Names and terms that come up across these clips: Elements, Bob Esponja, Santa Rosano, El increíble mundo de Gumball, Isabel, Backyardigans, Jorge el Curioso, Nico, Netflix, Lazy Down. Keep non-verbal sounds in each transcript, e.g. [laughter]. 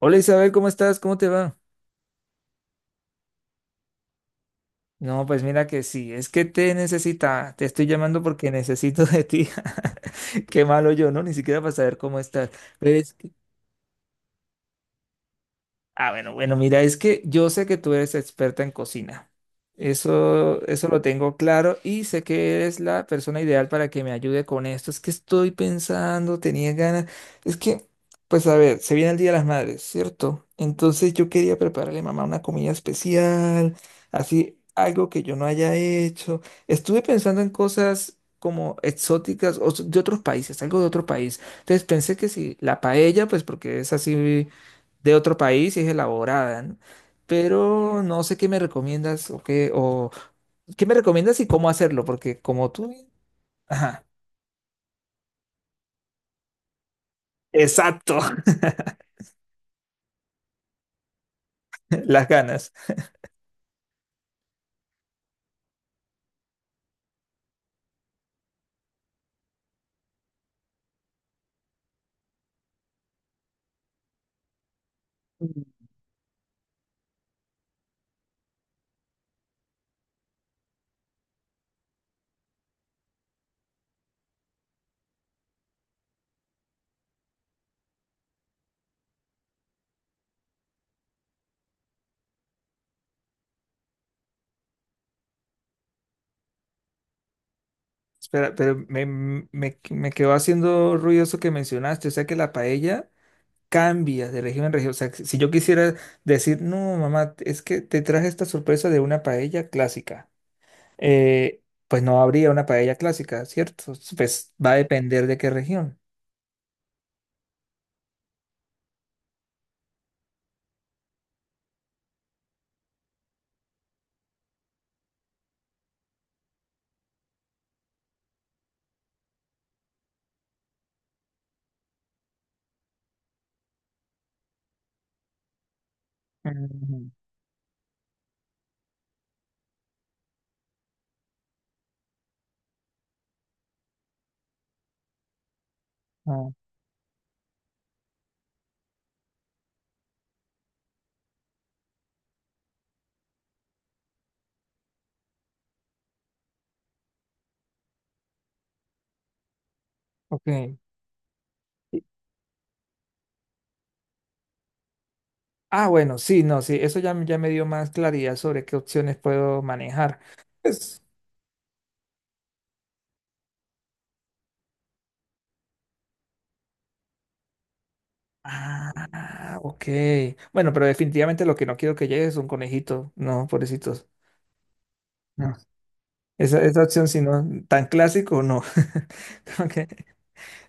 Hola Isabel, ¿cómo estás? ¿Cómo te va? No, pues mira que sí, es que te necesita, te estoy llamando porque necesito de ti. [laughs] Qué malo yo, ¿no? Ni siquiera para saber cómo estás. ¿Ves? Bueno, bueno, mira, es que yo sé que tú eres experta en cocina. Eso lo tengo claro y sé que eres la persona ideal para que me ayude con esto. Es que estoy pensando, tenía ganas. Es que, pues a ver, se viene el Día de las Madres, ¿cierto? Entonces yo quería prepararle a mamá una comida especial, así, algo que yo no haya hecho. Estuve pensando en cosas como exóticas o de otros países, algo de otro país. Entonces pensé que si la paella, pues porque es así de otro país y es elaborada, ¿no? Pero no sé qué me recomiendas o qué me recomiendas y cómo hacerlo, porque como tú... Ajá, exacto, [laughs] las ganas. Espera, pero me quedó haciendo ruido eso que mencionaste, o sea que la paella cambia de región en región. O sea, que si yo quisiera decir, no, mamá, es que te traje esta sorpresa de una paella clásica, eh, pues no habría una paella clásica, ¿cierto? Pues va a depender de qué región. Ujú. Ah, ok. Bueno, sí, no, sí, eso ya, ya me dio más claridad sobre qué opciones puedo manejar. Pues, ok. Bueno, pero definitivamente lo que no quiero que llegue es un conejito, no, pobrecitos. No. Esa opción, si no, tan clásico, no. [laughs] Como que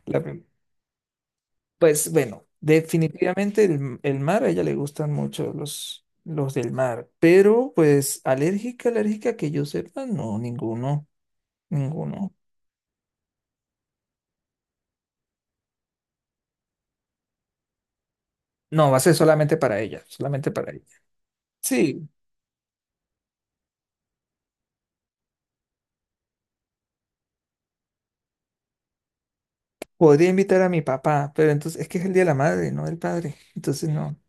la prim- pues bueno, definitivamente el mar, a ella le gustan mucho los del mar, pero pues alérgica, alérgica que yo sepa, no, ninguno, ninguno. No, va a ser solamente para ella, solamente para ella. Sí, podría invitar a mi papá, pero entonces es que es el día de la madre, no del padre. Entonces no.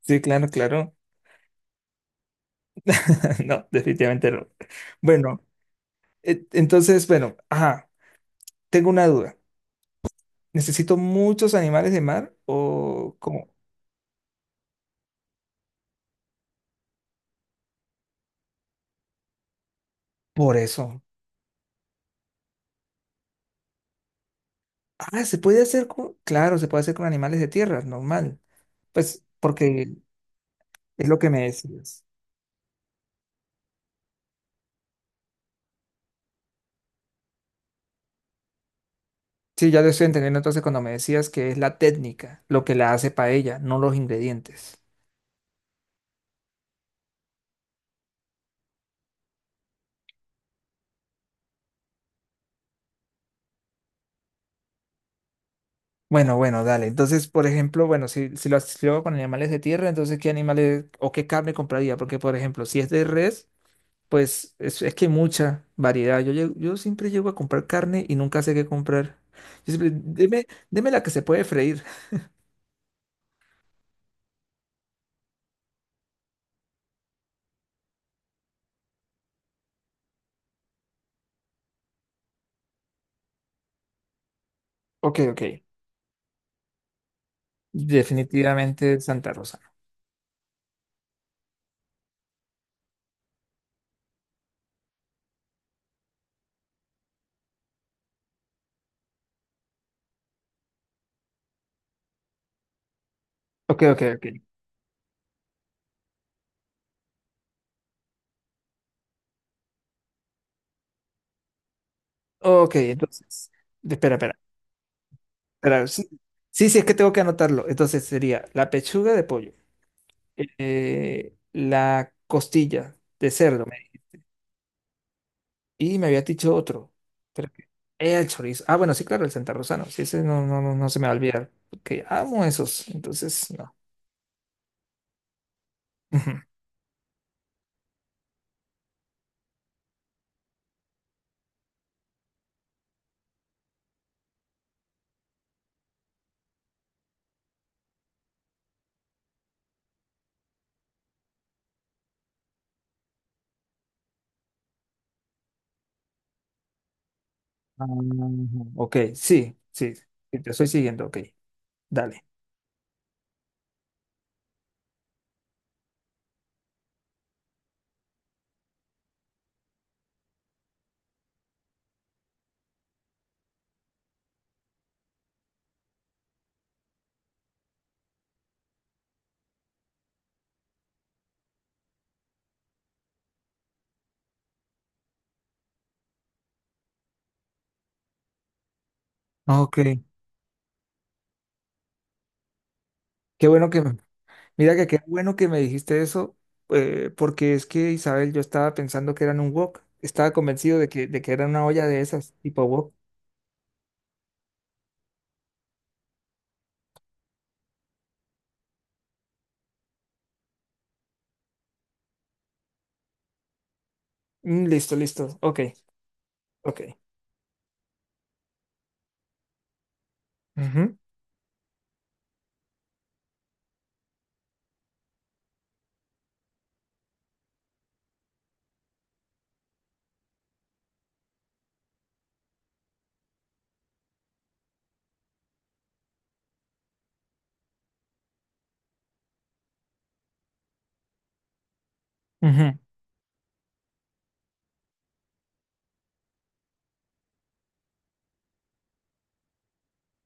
Sí, claro, claro. [laughs] No, definitivamente no. Bueno, entonces, bueno, ajá, tengo una duda. ¿Necesito muchos animales de mar o cómo? Por eso. Ah, se puede hacer con, claro, se puede hacer con animales de tierra, normal. Pues porque es lo que me decías. Sí, ya lo estoy entendiendo entonces cuando me decías que es la técnica lo que la hace paella, no los ingredientes. Bueno, bueno, dale. Entonces, por ejemplo, bueno, si, si lo, si lo hago con animales de tierra, entonces, ¿qué animales o qué carne compraría? Porque, por ejemplo, si es de res, pues es que hay mucha variedad. Yo, yo siempre llego a comprar carne y nunca sé qué comprar. Yo siempre, deme, deme la que se puede freír. Ok, ok. Definitivamente Santa Rosa. Ok, ok, ok. Ok, entonces, espera, espera, espera. Sí, sí, sí, es que tengo que anotarlo. Entonces sería la pechuga de pollo, la costilla de cerdo. Y me había dicho otro. Pero que- el chorizo. Ah, bueno, sí, claro, el Santa Rosano. Sí, ese no, no, no, no se me va a olvidar. Porque amo esos. Entonces, no. Ujú. Ah, ok, sí, sí, sí, te estoy siguiendo, ok. Dale. Ok. Qué bueno que... Mira que qué bueno que me dijiste eso, porque es que, Isabel, yo estaba pensando que eran un wok. Estaba convencido de que era una olla de esas, tipo wok. Mm, listo, listo. Ok, ok. Ujú, ujú.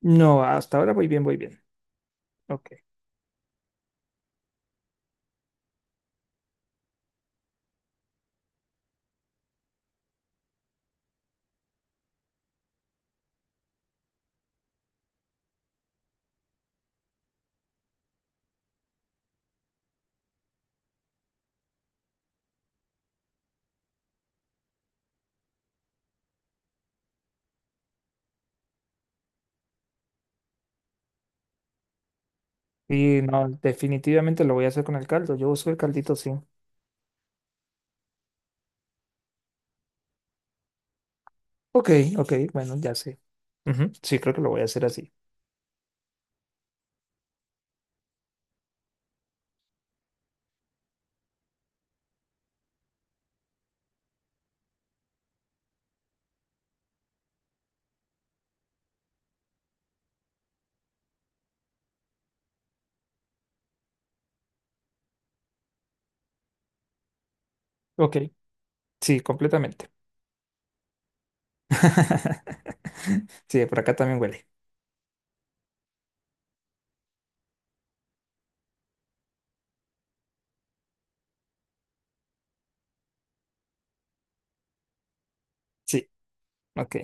No, hasta ahora voy bien, voy bien. Ok. Y no, definitivamente lo voy a hacer con el caldo. Yo uso el caldito, sí. Ok, ok, bueno, ya sé. Ujú, sí, creo que lo voy a hacer así. Ok, sí, completamente. [laughs] Sí, por acá también huele. Sí, ok,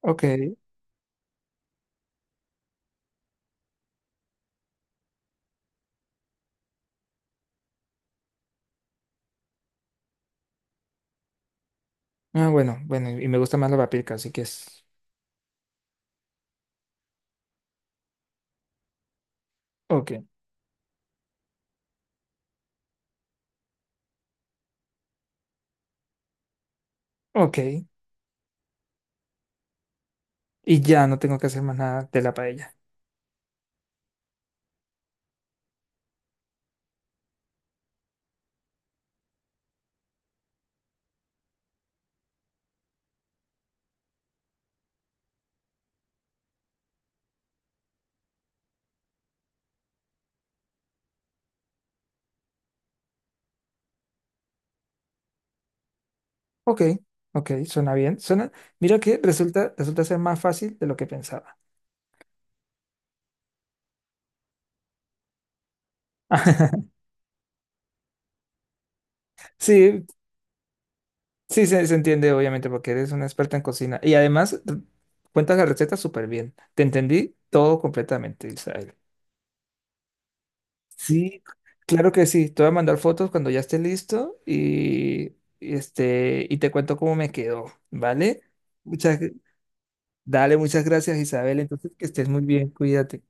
ok. Ah, bueno, bueno, y me gusta más la paprika, así que es. Ok, ok. Y ya no tengo que hacer más nada de la paella. Ok, ok, suena bien. Suena. Mira que resulta, resulta ser más fácil de lo que pensaba. [laughs] Sí, sí, se entiende, obviamente, porque eres una experta en cocina. Y además, cuentas la receta súper bien. Te entendí todo completamente, Isabel. Sí, claro que sí. Te voy a mandar fotos cuando ya esté listo y este, y te cuento cómo me quedó, ¿vale? Muchas, dale, muchas gracias, Isabel. Entonces, que estés muy bien. Cuídate.